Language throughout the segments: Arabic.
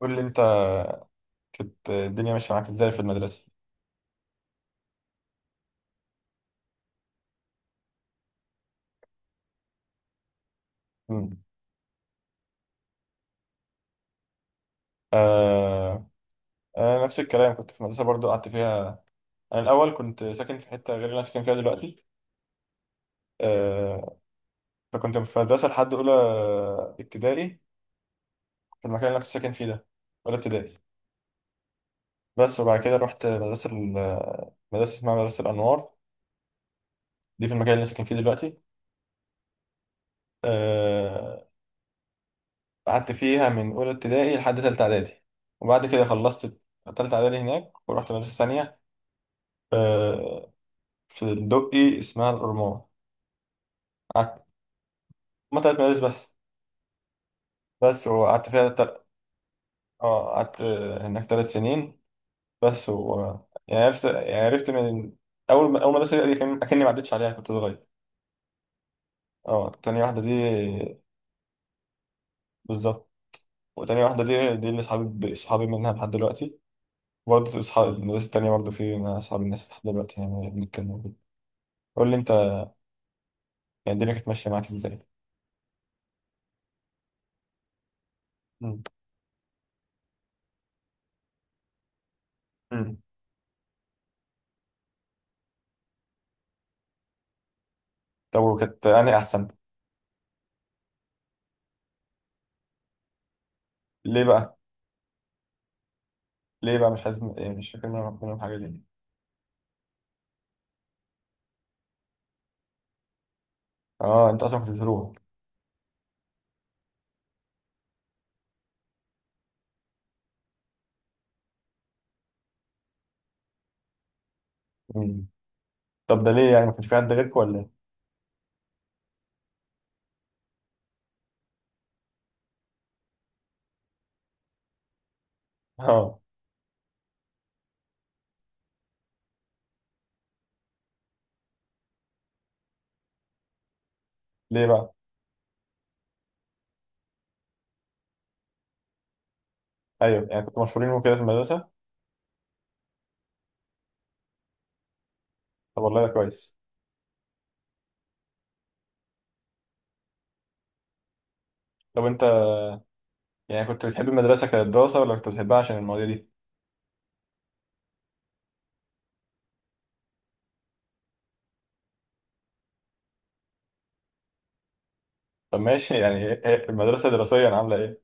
قول لي انت، كانت الدنيا ماشيه معاك ازاي في المدرسه؟ امم. آه. آه نفس الكلام، كنت في مدرسه برضو قعدت فيها. انا الاول كنت ساكن في حته غير اللي انا ساكن فيها دلوقتي. آه. فكنت في مدرسه لحد اولى ابتدائي في المكان اللي انا كنت ساكن فيه ده. اولى ابتدائي بس، وبعد كده رحت مدرسه مدرسه اسمها مدرسه الانوار، دي في المكان اللي انا ساكن فيه دلوقتي. آه. قعدت فيها من اولى ابتدائي لحد ثالثه اعدادي، وبعد كده خلصت تالتة إعدادي هناك ورحت مدرسة تانية. آه، فندقي اسمها الأورمون. قعدت، هما تلات مدارس بس. بس وقعدت فيها اه قعدت، هناك تلات سنين بس، و يعني عرفت من أول، أول مدرسة دي كان أكني ما عدتش عليها، كنت صغير. اه تاني واحدة دي، بالظبط. وتاني واحدة دي دي اللي صحابي منها لحد دلوقتي. وبرضه أصحاب المدرسة التانية برضه في، أنا أصحاب الناس لحد دلوقتي يعني بنتكلم وكده. قول لي أنت يعني، الدنيا كانت ماشية معاك إزاي؟ مم. مم. طب وكانت أنهي أحسن؟ ليه بقى؟ ليه بقى مش عايز، يعني مش فاكر منهم، حاجة ليه؟ اه انت اصلا كنت بتروح. مم. طب ده ليه، يعني ما كانش في حد غيرك ولا ايه؟ اه. ليه بقى؟ ايوه، يعني كنتوا مشهورين وكده في المدرسه؟ طب والله ده كويس. طب انت يعني كنت بتحب المدرسه كدراسه، ولا كنت بتحبها عشان المواضيع دي؟ طب ماشي، يعني إيه المدرسه دراسيا عامله ايه؟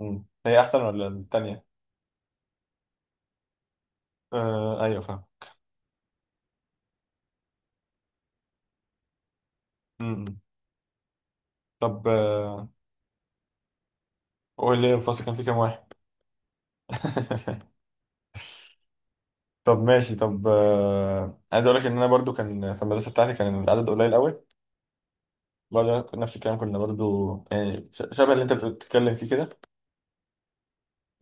مم. هي احسن ولا التانيه؟ آه ايوه فاهم. مم. طب آه، قول لي الفصل كان فيه كام واحد؟ طب ماشي، طب آه، عايز اقول لك ان انا برضو كان في المدرسه بتاعتي كان العدد قليل قوي. برضه نفس الكلام، كنا برضه يعني شبه اللي انت بتتكلم فيه كده.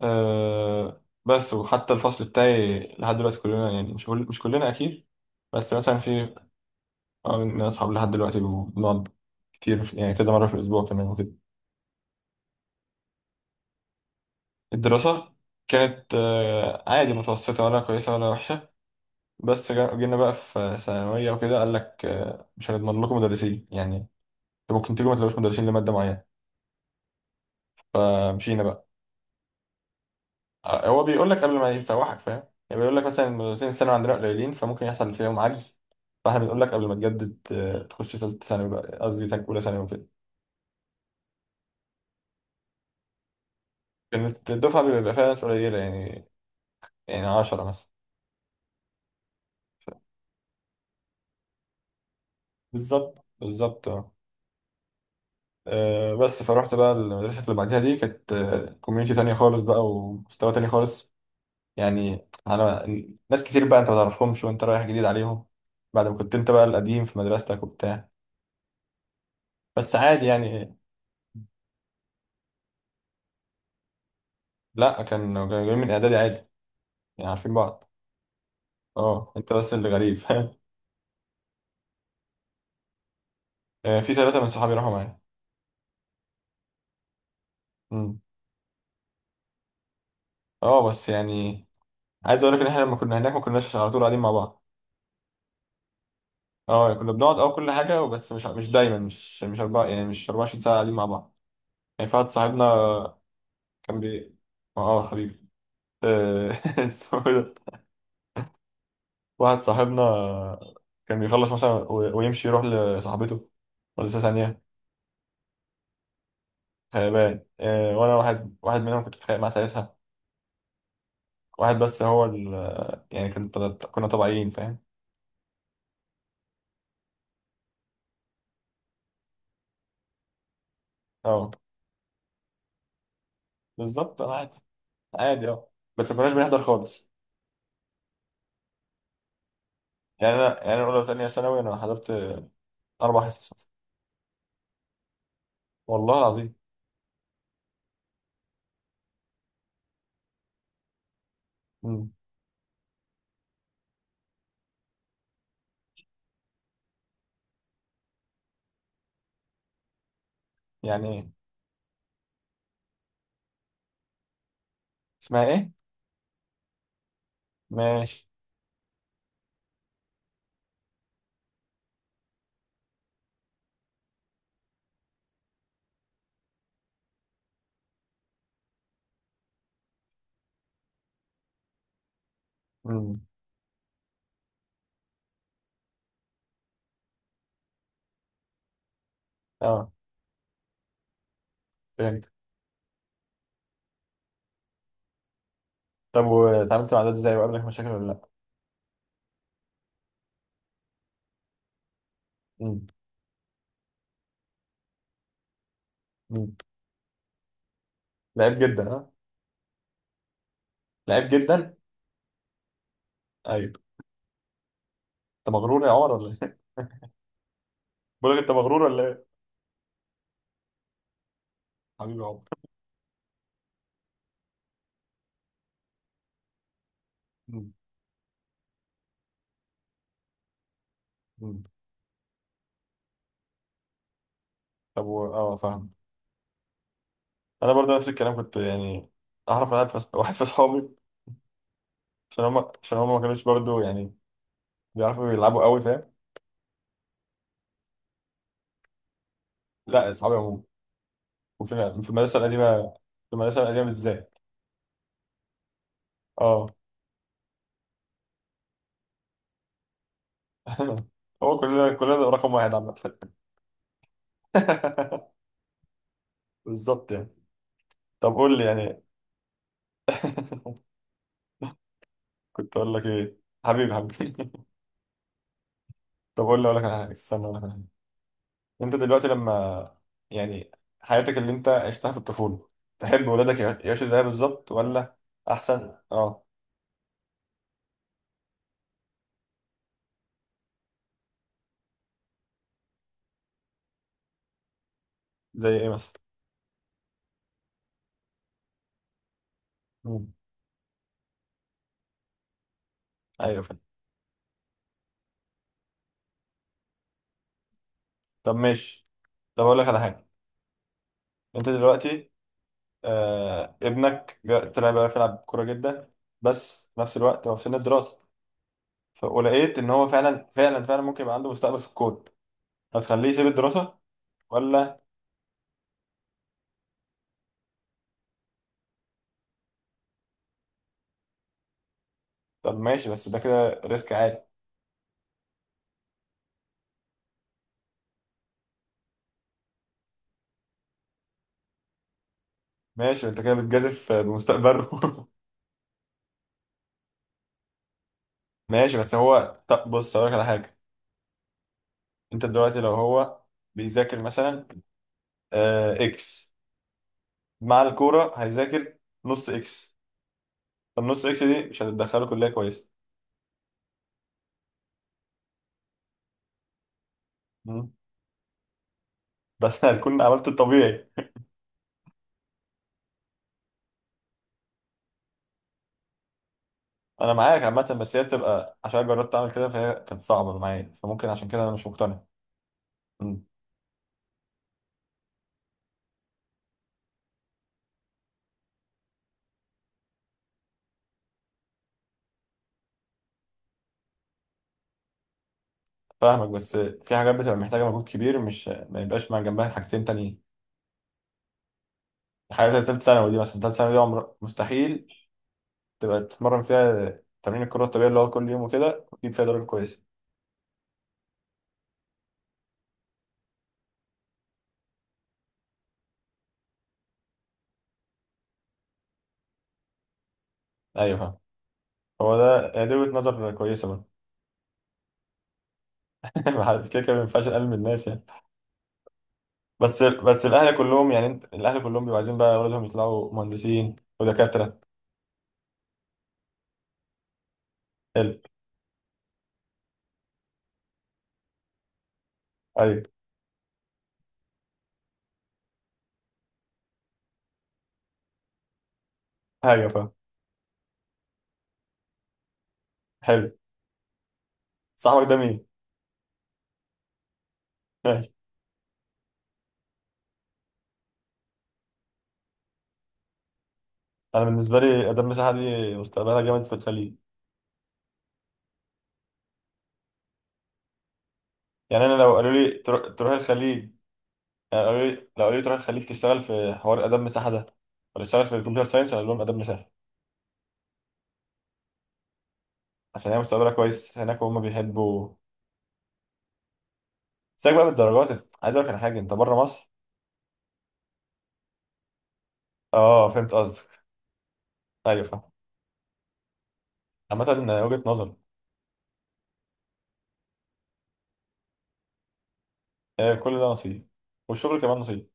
أه بس، وحتى الفصل بتاعي لحد دلوقتي كلنا، يعني مش كلنا اكيد، بس مثلا في، آه، من اصحاب لحد دلوقتي بنقعد كتير يعني كذا مره في الاسبوع كمان وكده. الدراسه كانت أه عادي، متوسطه ولا كويسه ولا وحشه. بس جينا بقى في ثانويه وكده قال لك أه مش هنضمن لكم مدرسين يعني، انتوا ممكن تيجوا ما تلاقوش مدرسين لماده معينه، فمشينا بقى. آه، هو بيقول لك قبل ما يسوحك فاهم، يعني بيقول لك مثلا المدرسين الثانوي عندنا قليلين فممكن يحصل فيهم عجز، فاحنا بنقول لك قبل ما تجدد آه، تخش ثالثه ثانوي بقى، قصدي اولى ثانوي وكده. كانت الدفعه بيبقى فيها ناس قليله يعني، يعني 10 مثلا. بالظبط اه. آه، بس فروحت بقى المدرسه اللي بعدها دي، كانت كوميونتي تانية خالص بقى ومستوى تاني خالص. يعني انا، ناس كتير بقى انت ما تعرفهمش وانت رايح جديد عليهم، بعد ما كنت انت بقى القديم في مدرستك وبتاع. بس عادي يعني. لا كان، كانوا جايين من اعدادي عادي يعني، عارفين بعض. اه انت بس اللي غريب فاهم. آه، في ثلاثة من صحابي راحوا معايا. امم. اه بس يعني، عايز اقول لك ان احنا لما كنا هناك ما كناش على طول قاعدين مع بعض. اه يعني كنا بنقعد اه كل حاجة، بس مش دايما، مش اربع، يعني مش 24 ساعة قاعدين مع بعض. يعني في واحد صاحبنا كان اه آه، حبيبي، آه، اسمه إيه ده، واحد صاحبنا كان بيخلص مثلا ويمشي يروح لصاحبته ولسه ثانية. خيبان. آه، وانا واحد منهم كنت بتخانق معاه ساعتها. واحد بس، هو ال يعني كنت، كنا طبيعيين فاهم. اه بالظبط، انا عادي. عادي اه، بس ما كناش بنحضر خالص. يعني انا اولى وثانيه ثانوي انا حضرت اربع حصص مثلاً. والله العظيم. امم. يعني ايه؟ اسمها ايه؟ ماشي. امم. اه فهمت. طب واتعاملت مع ده ازاي، وقابلك مشاكل ولا لا؟ امم. امم. لعيب جدا اه. لعيب جدا. ايوه. انت مغرور يا عمر ولا ايه؟ بقول لك انت مغرور ولا ايه؟ حبيبي يا عمر. امم. امم. اه فاهم. انا برضه نفس الكلام كنت يعني، اعرف واحد، في اصحابي، عشان هم ما كانوش برضه يعني بيعرفوا يلعبوا قوي فاهم. لا اصحابي عموما، وفي، في المدرسه القديمه، في المدرسه القديمه بالذات. اه. هو كلنا رقم واحد عامه. بالظبط يعني. طب قول لي يعني، كنت اقول لك ايه. حبيبي، حبيبي. طب قول لي، اقول لك على حاجه، استنى اقول لك على حاجه. انت دلوقتي لما، يعني حياتك اللي انت عشتها في الطفوله، تحب ولادك يعيشوا زيها بالظبط، ولا احسن اه؟ زي ايه مثلا؟ مم. ايوه فاهم. طب ماشي، طب اقول لك على حاجه، انت دلوقتي آه، طلع بقى يلعب كوره جدا، بس في نفس الوقت هو في سن الدراسه، ولقيت ان هو فعلا ممكن يبقى عنده مستقبل في الكون، هتخليه يسيب الدراسه ولا؟ طب ماشي، بس ده كده ريسك عالي. ماشي انت كده بتجازف بمستقبله. ماشي، بس هو طب بص اقول لك على حاجه، انت دلوقتي لو هو بيذاكر مثلا آه اكس، مع الكوره هيذاكر نص اكس. طب نص اكس دي مش هتدخله كلية كويسة. مم. بس هتكون عملت الطبيعي. انا معاك عامة، بس هي بتبقى عشان جربت اعمل كده فهي كانت صعبة معايا، فممكن عشان كده انا مش مقتنع. مم. فاهمك، بس في حاجات بتبقى محتاجة مجهود كبير، مش ما يبقاش مع جنبها حاجتين تانيين. الحاجة بتاعت تالت ثانوي دي مثلا، تالت ثانوي دي عمر مستحيل تبقى تتمرن فيها تمرين الكرة الطبيعية اللي هو كل يوم وكده، وتجيب فيها درجة كويسة. ايوه فاهم. هو ده هي دي وجهة نظر كويسة برضه. ما حد- كده كده ما ينفعش اقلل من الناس يعني. بس الاهل كلهم يعني، انت الاهل كلهم بيبقوا عايزين بقى اولادهم يطلعوا مهندسين ودكاتره. حلو. ايوه. ايوه فاهم. حلو. صاحبك ده مين؟ ماشي. انا بالنسبه لي ادم مساحه دي مستقبلها جامد في الخليج. يعني انا لو قالوا لي تروح الخليج، يعني قالوا لي، لو قالوا لي تروح الخليج تشتغل في حوار ادم مساحه ده، ولا تشتغل في الكمبيوتر ساينس، اقول لهم ادم مساحه. عشان هي مستقبلها كويس هناك وهم بيحبوا. سيبك بقى من الدرجات، عايز اقول لك على حاجه، انت بره مصر. اه فهمت قصدك. ايوه فاهم. عامه، وجهه نظر. آه، كل ده نصيب، والشغل كمان نصيب.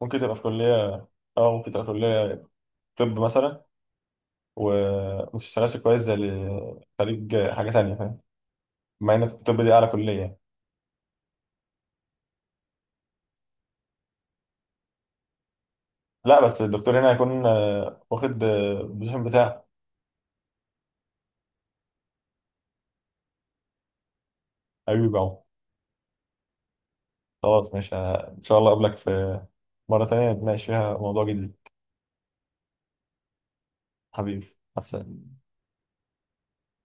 ممكن تبقى في كلية، أو ممكن تبقى في كلية، طب مثلا، وما تشتغلش كويس زي اللي خريج حاجة تانية فاهم. مع إن الطب دي أعلى كلية يعني. لا بس الدكتور هنا هيكون آه، واخد آه، البوزيشن بتاعه. أيوة أهو. خلاص ماشي، آه، إن شاء الله أقابلك في مرة تانية نتناقش فيها موضوع جديد. حبيبي. مع السلامة.